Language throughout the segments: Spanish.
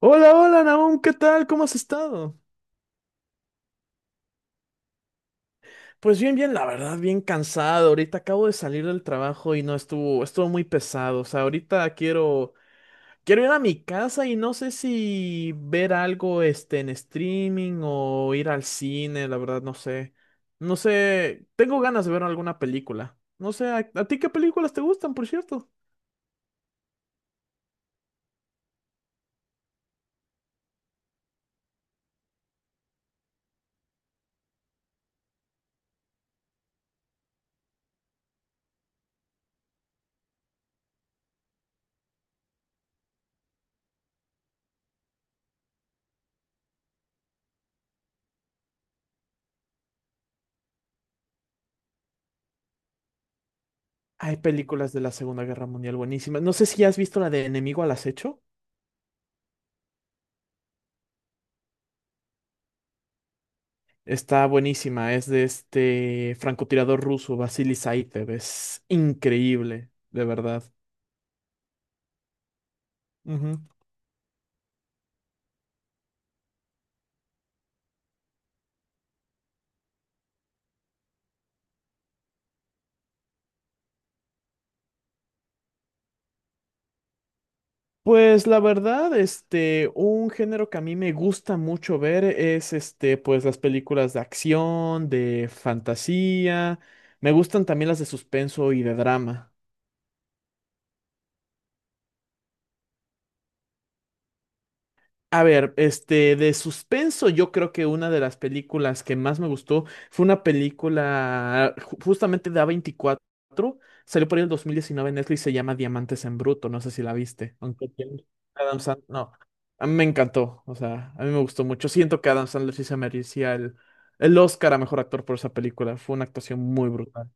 Hola, hola, Naum, ¿qué tal? ¿Cómo has estado? Pues bien, bien, la verdad, bien cansado. Ahorita acabo de salir del trabajo y no estuvo, estuvo muy pesado. O sea, ahorita quiero ir a mi casa y no sé si ver algo, en streaming o ir al cine, la verdad, no sé. No sé, tengo ganas de ver alguna película. No sé, ¿ a ti qué películas te gustan, por cierto? Hay películas de la Segunda Guerra Mundial buenísimas. No sé si has visto la de Enemigo al Acecho. Está buenísima, es de este francotirador ruso, Vasily Saitev, es increíble, de verdad. Ujú. Pues la verdad, un género que a mí me gusta mucho ver es este, pues las películas de acción, de fantasía, me gustan también las de suspenso y de drama. A ver, de suspenso, yo creo que una de las películas que más me gustó fue una película justamente de A24, salió por ahí el 2019 en Netflix, se llama Diamantes en Bruto, no sé si la viste, aunque tiene Adam Sandler, no, a mí me encantó, o sea, a mí me gustó mucho, siento que Adam Sandler sí se merecía el Oscar a mejor actor por esa película, fue una actuación muy brutal.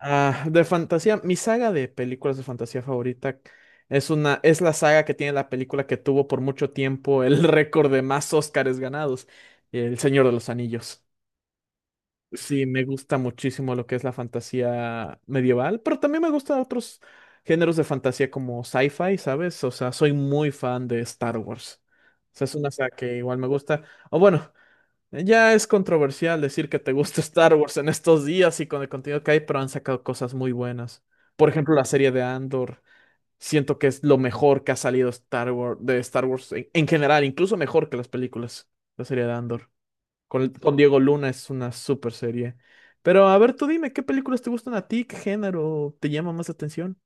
Ah, de fantasía, mi saga de películas de fantasía favorita es la saga que tiene la película que tuvo por mucho tiempo el récord de más Óscares ganados, El Señor de los Anillos. Sí, me gusta muchísimo lo que es la fantasía medieval, pero también me gustan otros géneros de fantasía como sci-fi, ¿sabes? O sea, soy muy fan de Star Wars. O sea, es una saga que igual me gusta. O bueno, ya es controversial decir que te gusta Star Wars en estos días y con el contenido que hay, pero han sacado cosas muy buenas. Por ejemplo, la serie de Andor. Siento que es lo mejor que ha salido Star Wars, de Star Wars en general, incluso mejor que las películas. La serie de Andor. Con Diego Luna es una super serie. Pero a ver, tú dime, ¿qué películas te gustan a ti? ¿Qué género te llama más la atención?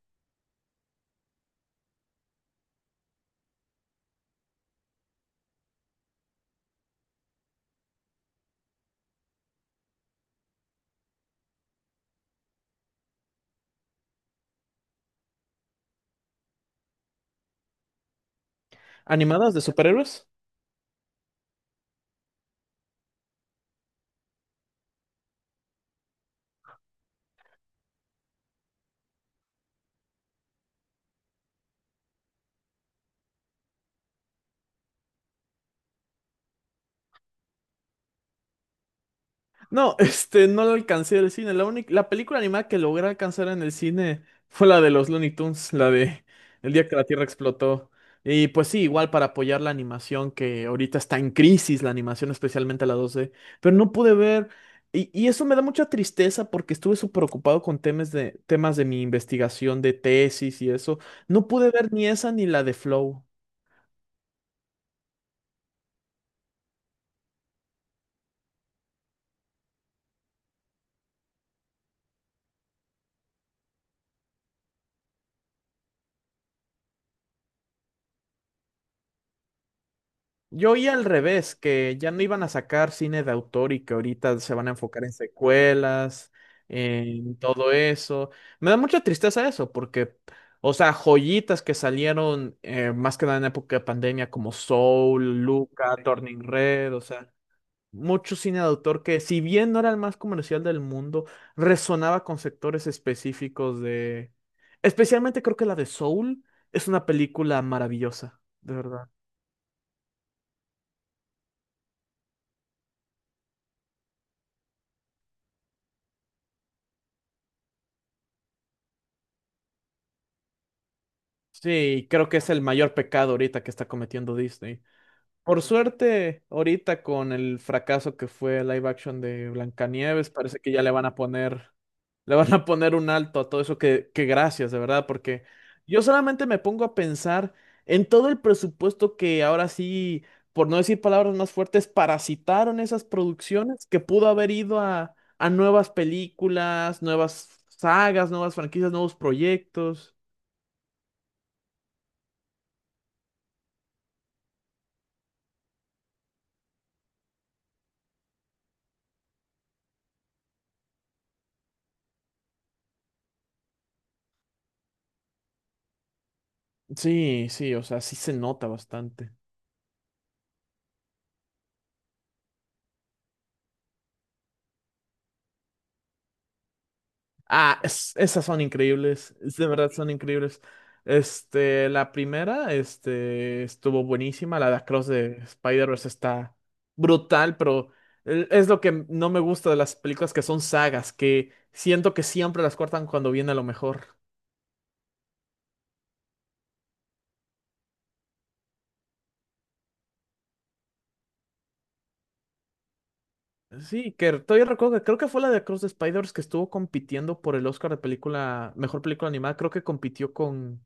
¿Animadas de superhéroes? No, no lo alcancé del cine. La única, la película animada que logré alcanzar en el cine fue la de los Looney Tunes, la de El día que la Tierra explotó. Y pues sí, igual para apoyar la animación que ahorita está en crisis, la animación especialmente la 2D, pero no pude ver y eso me da mucha tristeza porque estuve súper ocupado con temas de mi investigación de tesis y eso. No pude ver ni esa ni la de Flow. Yo oí al revés, que ya no iban a sacar cine de autor y que ahorita se van a enfocar en secuelas, en todo eso. Me da mucha tristeza eso, porque, o sea, joyitas que salieron más que nada en época de pandemia, como Soul, Luca, Turning Red, o sea, mucho cine de autor que, si bien no era el más comercial del mundo, resonaba con sectores específicos de. Especialmente creo que la de Soul es una película maravillosa, de verdad. Sí, creo que es el mayor pecado ahorita que está cometiendo Disney. Por suerte, ahorita con el fracaso que fue el live action de Blancanieves, parece que ya le van a poner, le van a poner un alto a todo eso que gracias, de verdad, porque yo solamente me pongo a pensar en todo el presupuesto que ahora sí, por no decir palabras más fuertes, parasitaron esas producciones que pudo haber ido a nuevas películas, nuevas sagas, nuevas franquicias, nuevos proyectos. Sí, sí, o sea, sí se nota bastante. Ah, esas son increíbles, de verdad son increíbles. Este, la primera, este, estuvo buenísima, la de Across de Spider-Verse está brutal, pero es lo que no me gusta de las películas que son sagas, que siento que siempre las cortan cuando viene lo mejor. Sí, que todavía recuerdo que creo que fue la de Across the Spider-Verse que estuvo compitiendo por el Oscar de película, mejor película animada, creo que compitió con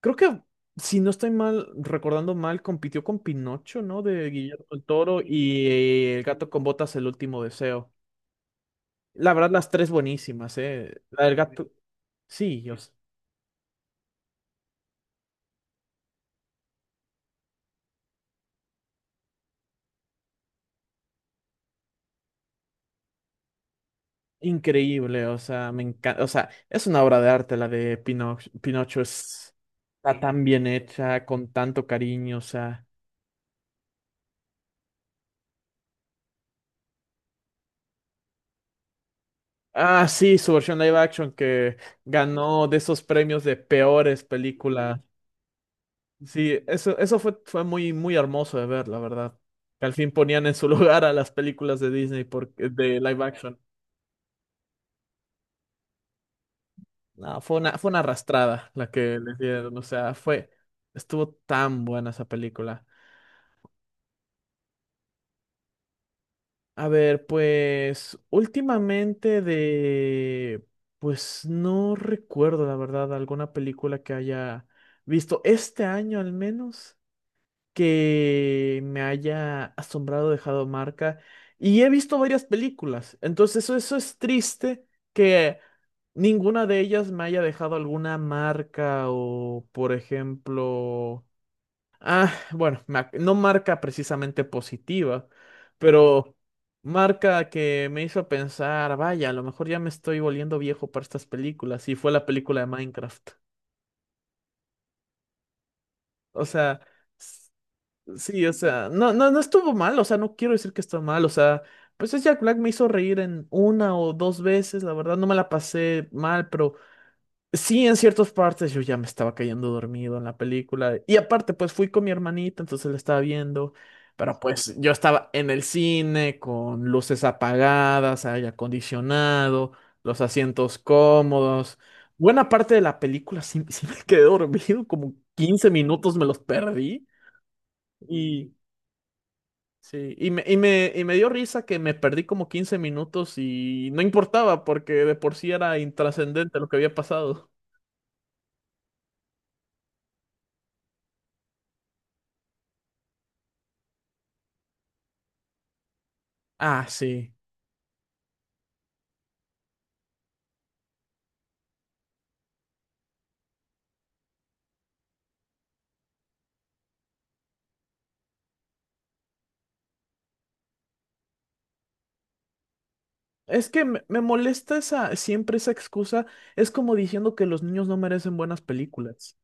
creo que, si no estoy mal, recordando mal, compitió con Pinocho, ¿no? De Guillermo del Toro y El gato con botas, El último deseo. La verdad, las tres buenísimas, ¿eh? La del gato, sí, o sea, increíble, o sea, me encanta, o sea, es una obra de arte la de Pinocho, Pinocho es, está tan bien hecha, con tanto cariño, o sea. Ah, sí, su versión live action que ganó de esos premios de peores películas. Sí, eso fue, fue muy, muy hermoso de ver, la verdad. Que al fin ponían en su lugar a las películas de Disney por, de live action. No, fue una arrastrada la que les dieron. O sea, fue, estuvo tan buena esa película. A ver, pues últimamente de, pues no recuerdo, la verdad, alguna película que haya visto este año al menos, que me haya asombrado, dejado marca. Y he visto varias películas, entonces eso es triste que ninguna de ellas me haya dejado alguna marca o, por ejemplo, ah, bueno, no marca precisamente positiva, pero marca que me hizo pensar, vaya, a lo mejor ya me estoy volviendo viejo para estas películas y fue la película de Minecraft. O sea. Sí, o sea, no estuvo mal, o sea, no quiero decir que está mal, o sea, pues es Jack Black me hizo reír en una o dos veces, la verdad no me la pasé mal, pero sí en ciertas partes yo ya me estaba cayendo dormido en la película. Y aparte, pues fui con mi hermanita, entonces la estaba viendo, pero pues yo estaba en el cine con luces apagadas, aire acondicionado, los asientos cómodos. Buena parte de la película sí me quedé dormido, como 15 minutos me los perdí y. Sí, y me dio risa que me perdí como 15 minutos y no importaba porque de por sí era intrascendente lo que había pasado. Ah, sí. Es que me molesta siempre esa excusa. Es como diciendo que los niños no merecen buenas películas.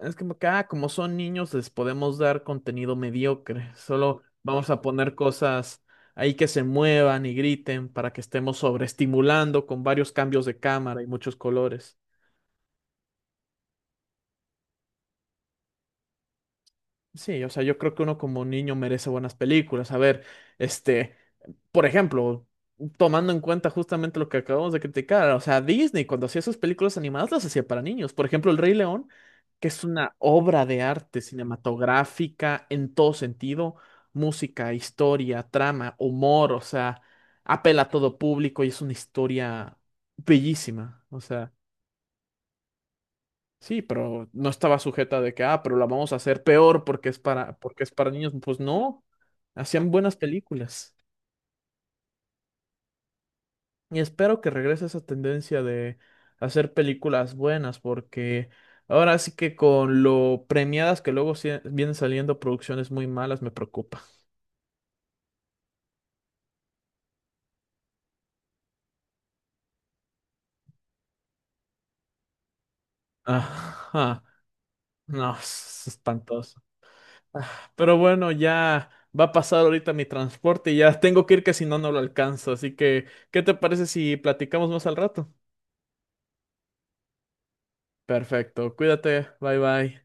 Es como que, ah, como son niños, les podemos dar contenido mediocre. Solo vamos a poner cosas ahí que se muevan y griten para que estemos sobreestimulando con varios cambios de cámara y muchos colores. Sí, o sea, yo creo que uno como niño merece buenas películas. A ver, este, por ejemplo, tomando en cuenta justamente lo que acabamos de criticar, o sea, Disney cuando hacía sus películas animadas las hacía para niños. Por ejemplo, El Rey León, que es una obra de arte cinematográfica en todo sentido, música, historia, trama, humor, o sea, apela a todo público y es una historia bellísima. O sea. Sí, pero no estaba sujeta de que, ah, pero la vamos a hacer peor porque es para niños. Pues no, hacían buenas películas. Y espero que regrese esa tendencia de hacer películas buenas, porque ahora sí que con lo premiadas que luego vienen saliendo producciones muy malas me preocupa. Ajá, no, es espantoso. Pero bueno, ya va a pasar ahorita mi transporte y ya tengo que ir que si no, no lo alcanzo. Así que, ¿qué te parece si platicamos más al rato? Perfecto, cuídate, bye bye.